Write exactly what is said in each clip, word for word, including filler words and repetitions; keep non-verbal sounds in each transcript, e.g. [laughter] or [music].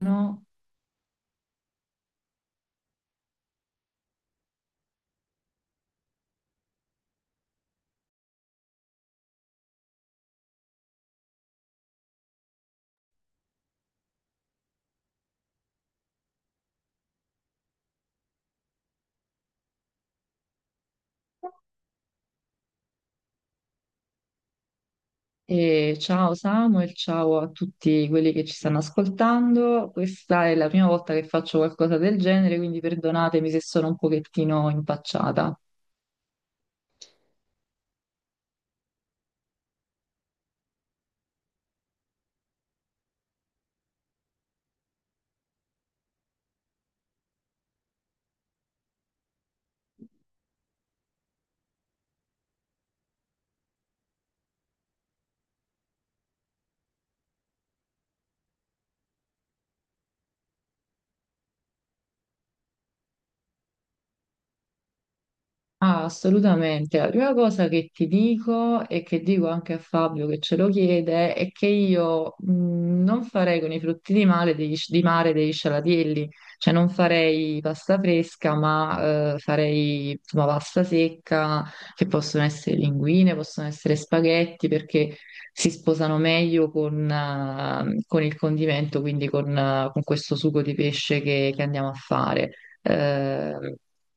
No. E ciao Samuel, ciao a tutti quelli che ci stanno ascoltando. Questa è la prima volta che faccio qualcosa del genere, quindi perdonatemi se sono un pochettino impacciata. Ah, assolutamente. La prima cosa che ti dico e che dico anche a Fabio che ce lo chiede è che io mh, non farei con i frutti di mare degli, di mare degli scialatielli, cioè non farei pasta fresca, ma eh, farei insomma pasta secca, che possono essere linguine, possono essere spaghetti, perché si sposano meglio con, eh, con il condimento, quindi con, eh, con questo sugo di pesce che che andiamo a fare. Eh,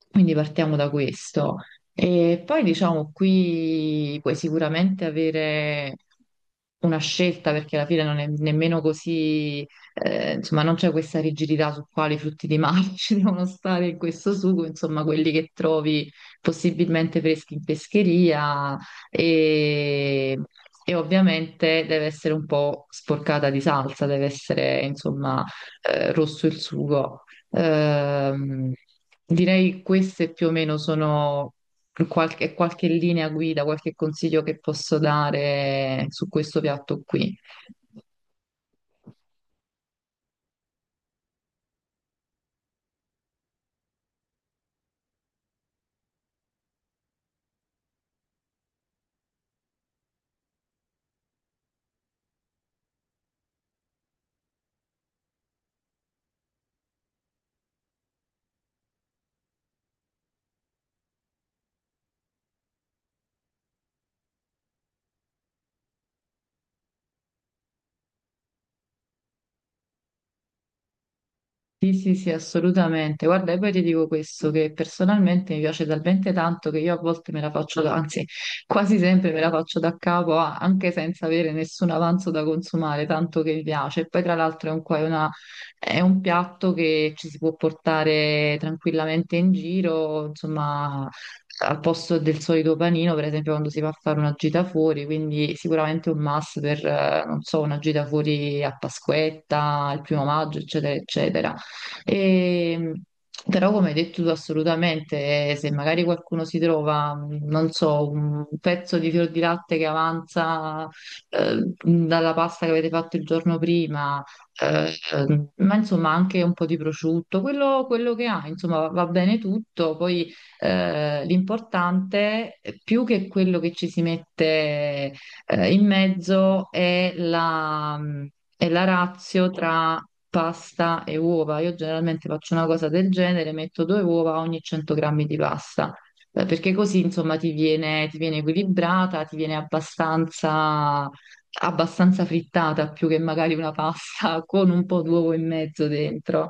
quindi partiamo da questo. E poi diciamo qui puoi sicuramente avere una scelta perché alla fine non è nemmeno così, eh, insomma, non c'è questa rigidità su quali frutti di mare [laughs] ci devono stare in questo sugo, insomma, quelli che trovi possibilmente freschi in pescheria e, e ovviamente deve essere un po' sporcata di salsa, deve essere, insomma, eh, rosso il sugo. Ehm, Direi queste più o meno sono qualche, qualche linea guida, qualche consiglio che posso dare su questo piatto qui. Sì, sì, sì, assolutamente. Guarda, e poi ti dico questo, che personalmente mi piace talmente tanto che io a volte me la faccio, da- anzi, quasi sempre me la faccio da capo, a- anche senza avere nessun avanzo da consumare, tanto che mi piace. E poi tra l'altro è un, qua- è una- è un piatto che ci si può portare tranquillamente in giro, insomma, al posto del solito panino, per esempio quando si va a fare una gita fuori, quindi sicuramente un must per, eh, non so, una gita fuori a Pasquetta, il primo maggio, eccetera, eccetera. E, però, come hai detto tu, assolutamente, eh, se magari qualcuno si trova, mh, non so, un pezzo di fior di latte che avanza eh, dalla pasta che avete fatto il giorno prima, eh, eh, ma insomma anche un po' di prosciutto, quello, quello che ha, insomma, va bene tutto. Poi eh, l'importante, eh, più che quello che ci si mette. Eh, in mezzo è la, è la ratio tra pasta e uova. Io generalmente faccio una cosa del genere, metto due uova ogni cento grammi di pasta, eh, perché così insomma ti viene, ti viene equilibrata, ti viene abbastanza, abbastanza frittata, più che magari una pasta [laughs] con un po' d'uovo in mezzo dentro.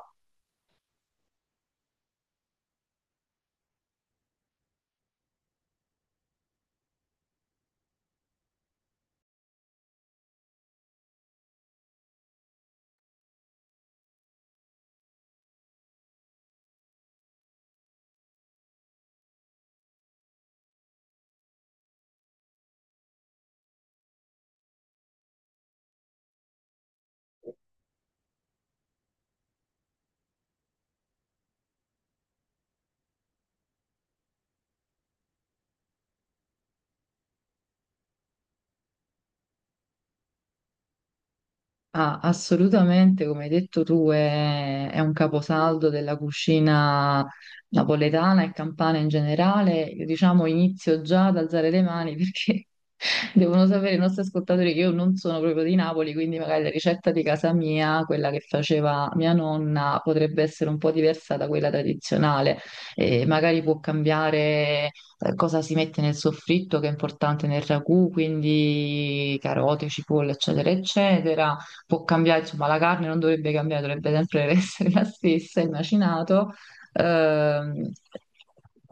Ah, assolutamente, come hai detto tu, è, è un caposaldo della cucina napoletana e campana in generale. Io, Diciamo, inizio già ad alzare le mani perché [laughs] devono sapere i nostri ascoltatori che io non sono proprio di Napoli, quindi magari la ricetta di casa mia, quella che faceva mia nonna, potrebbe essere un po' diversa da quella tradizionale e magari può cambiare eh, cosa si mette nel soffritto, che è importante nel ragù, quindi carote, cipolla, eccetera, eccetera può cambiare, insomma, la carne non dovrebbe cambiare, dovrebbe sempre [laughs] essere la stessa, il macinato, ehm,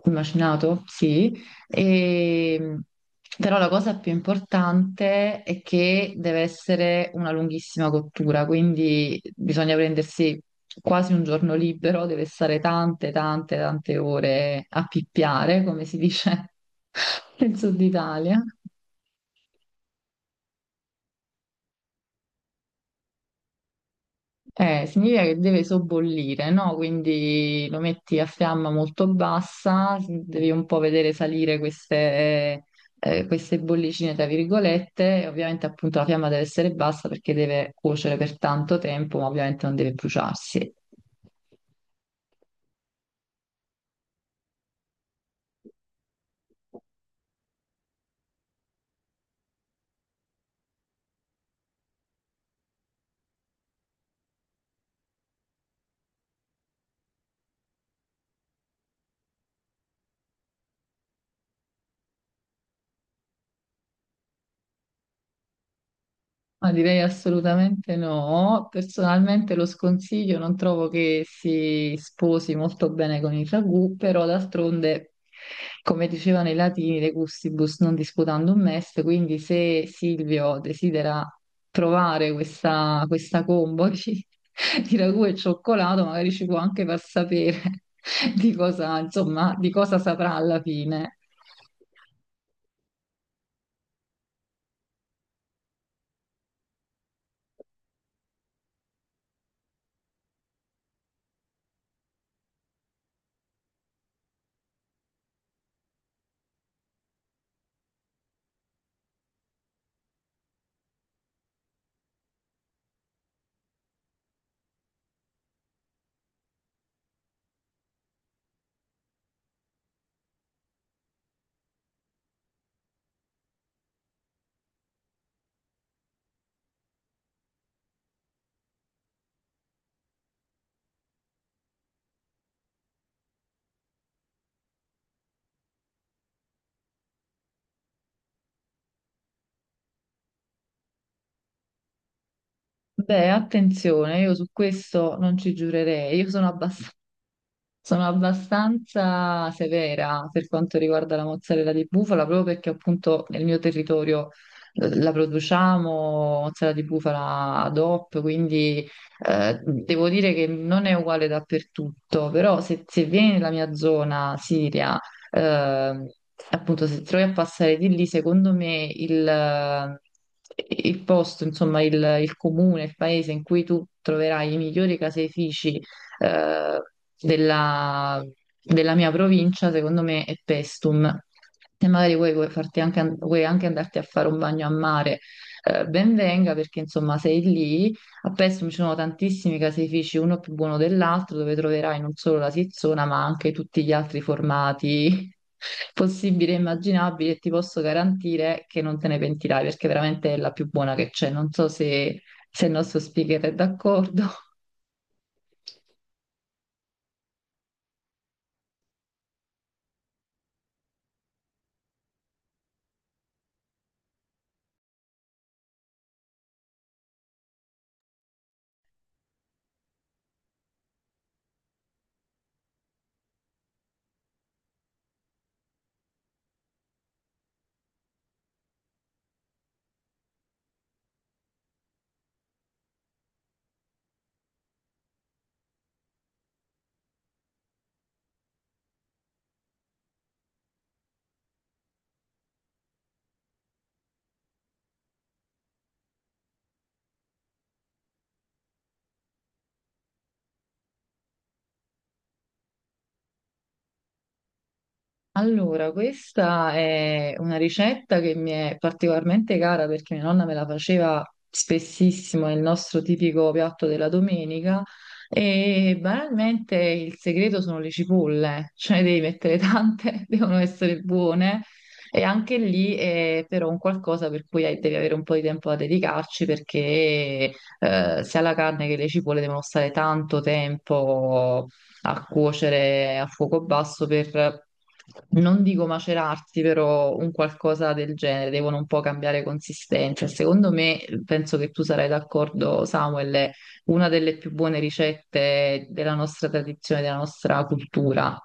il macinato, sì, e, però la cosa più importante è che deve essere una lunghissima cottura, quindi bisogna prendersi quasi un giorno libero, deve stare tante, tante, tante ore a pippiare, come si dice [laughs] nel sud Italia. Eh, significa che deve sobbollire, no? Quindi lo metti a fiamma molto bassa, devi un po' vedere salire queste, eh, queste bollicine, tra virgolette, e ovviamente appunto la fiamma deve essere bassa perché deve cuocere per tanto tempo, ma ovviamente non deve bruciarsi. Ma direi assolutamente no. Personalmente lo sconsiglio, non trovo che si sposi molto bene con il ragù, però d'altronde, come dicevano i latini, de gustibus non disputandum est, quindi se Silvio desidera provare questa, questa combo [laughs] di, di ragù e cioccolato, magari ci può anche far sapere [laughs] di cosa, insomma, di cosa saprà alla fine. Beh, attenzione, io su questo non ci giurerei. Io sono abbastanza Sono abbastanza severa per quanto riguarda la mozzarella di bufala, proprio perché appunto nel mio territorio eh, la produciamo, mozzarella di bufala ad hoc, quindi eh, devo dire che non è uguale dappertutto, però se, se vieni nella mia zona Siria, eh, appunto se trovi a passare di lì, secondo me il, il posto, insomma il il comune, il paese in cui tu troverai i migliori caseifici eh, della, della mia provincia, secondo me, è Pestum. E magari vuoi, vuoi farti anche, vuoi anche andarti a fare un bagno a mare, eh, ben venga perché insomma sei lì. A Pestum ci sono tantissimi caseifici, uno più buono dell'altro, dove troverai non solo la Sizzona, ma anche tutti gli altri formati [laughs] possibili e immaginabili. E ti posso garantire che non te ne pentirai perché veramente è la più buona che c'è. Non so se se il nostro speaker è d'accordo. Allora, questa è una ricetta che mi è particolarmente cara perché mia nonna me la faceva spessissimo, è il nostro tipico piatto della domenica e banalmente il segreto sono le cipolle, cioè devi mettere tante, [laughs] devono essere buone e anche lì è però un qualcosa per cui hai- devi avere un po' di tempo da dedicarci perché eh, sia la carne che le cipolle devono stare tanto tempo a cuocere a fuoco basso per, non dico macerarsi, però un qualcosa del genere, devono un po' cambiare consistenza. Secondo me, penso che tu sarai d'accordo, Samuel, è una delle più buone ricette della nostra tradizione, della nostra cultura.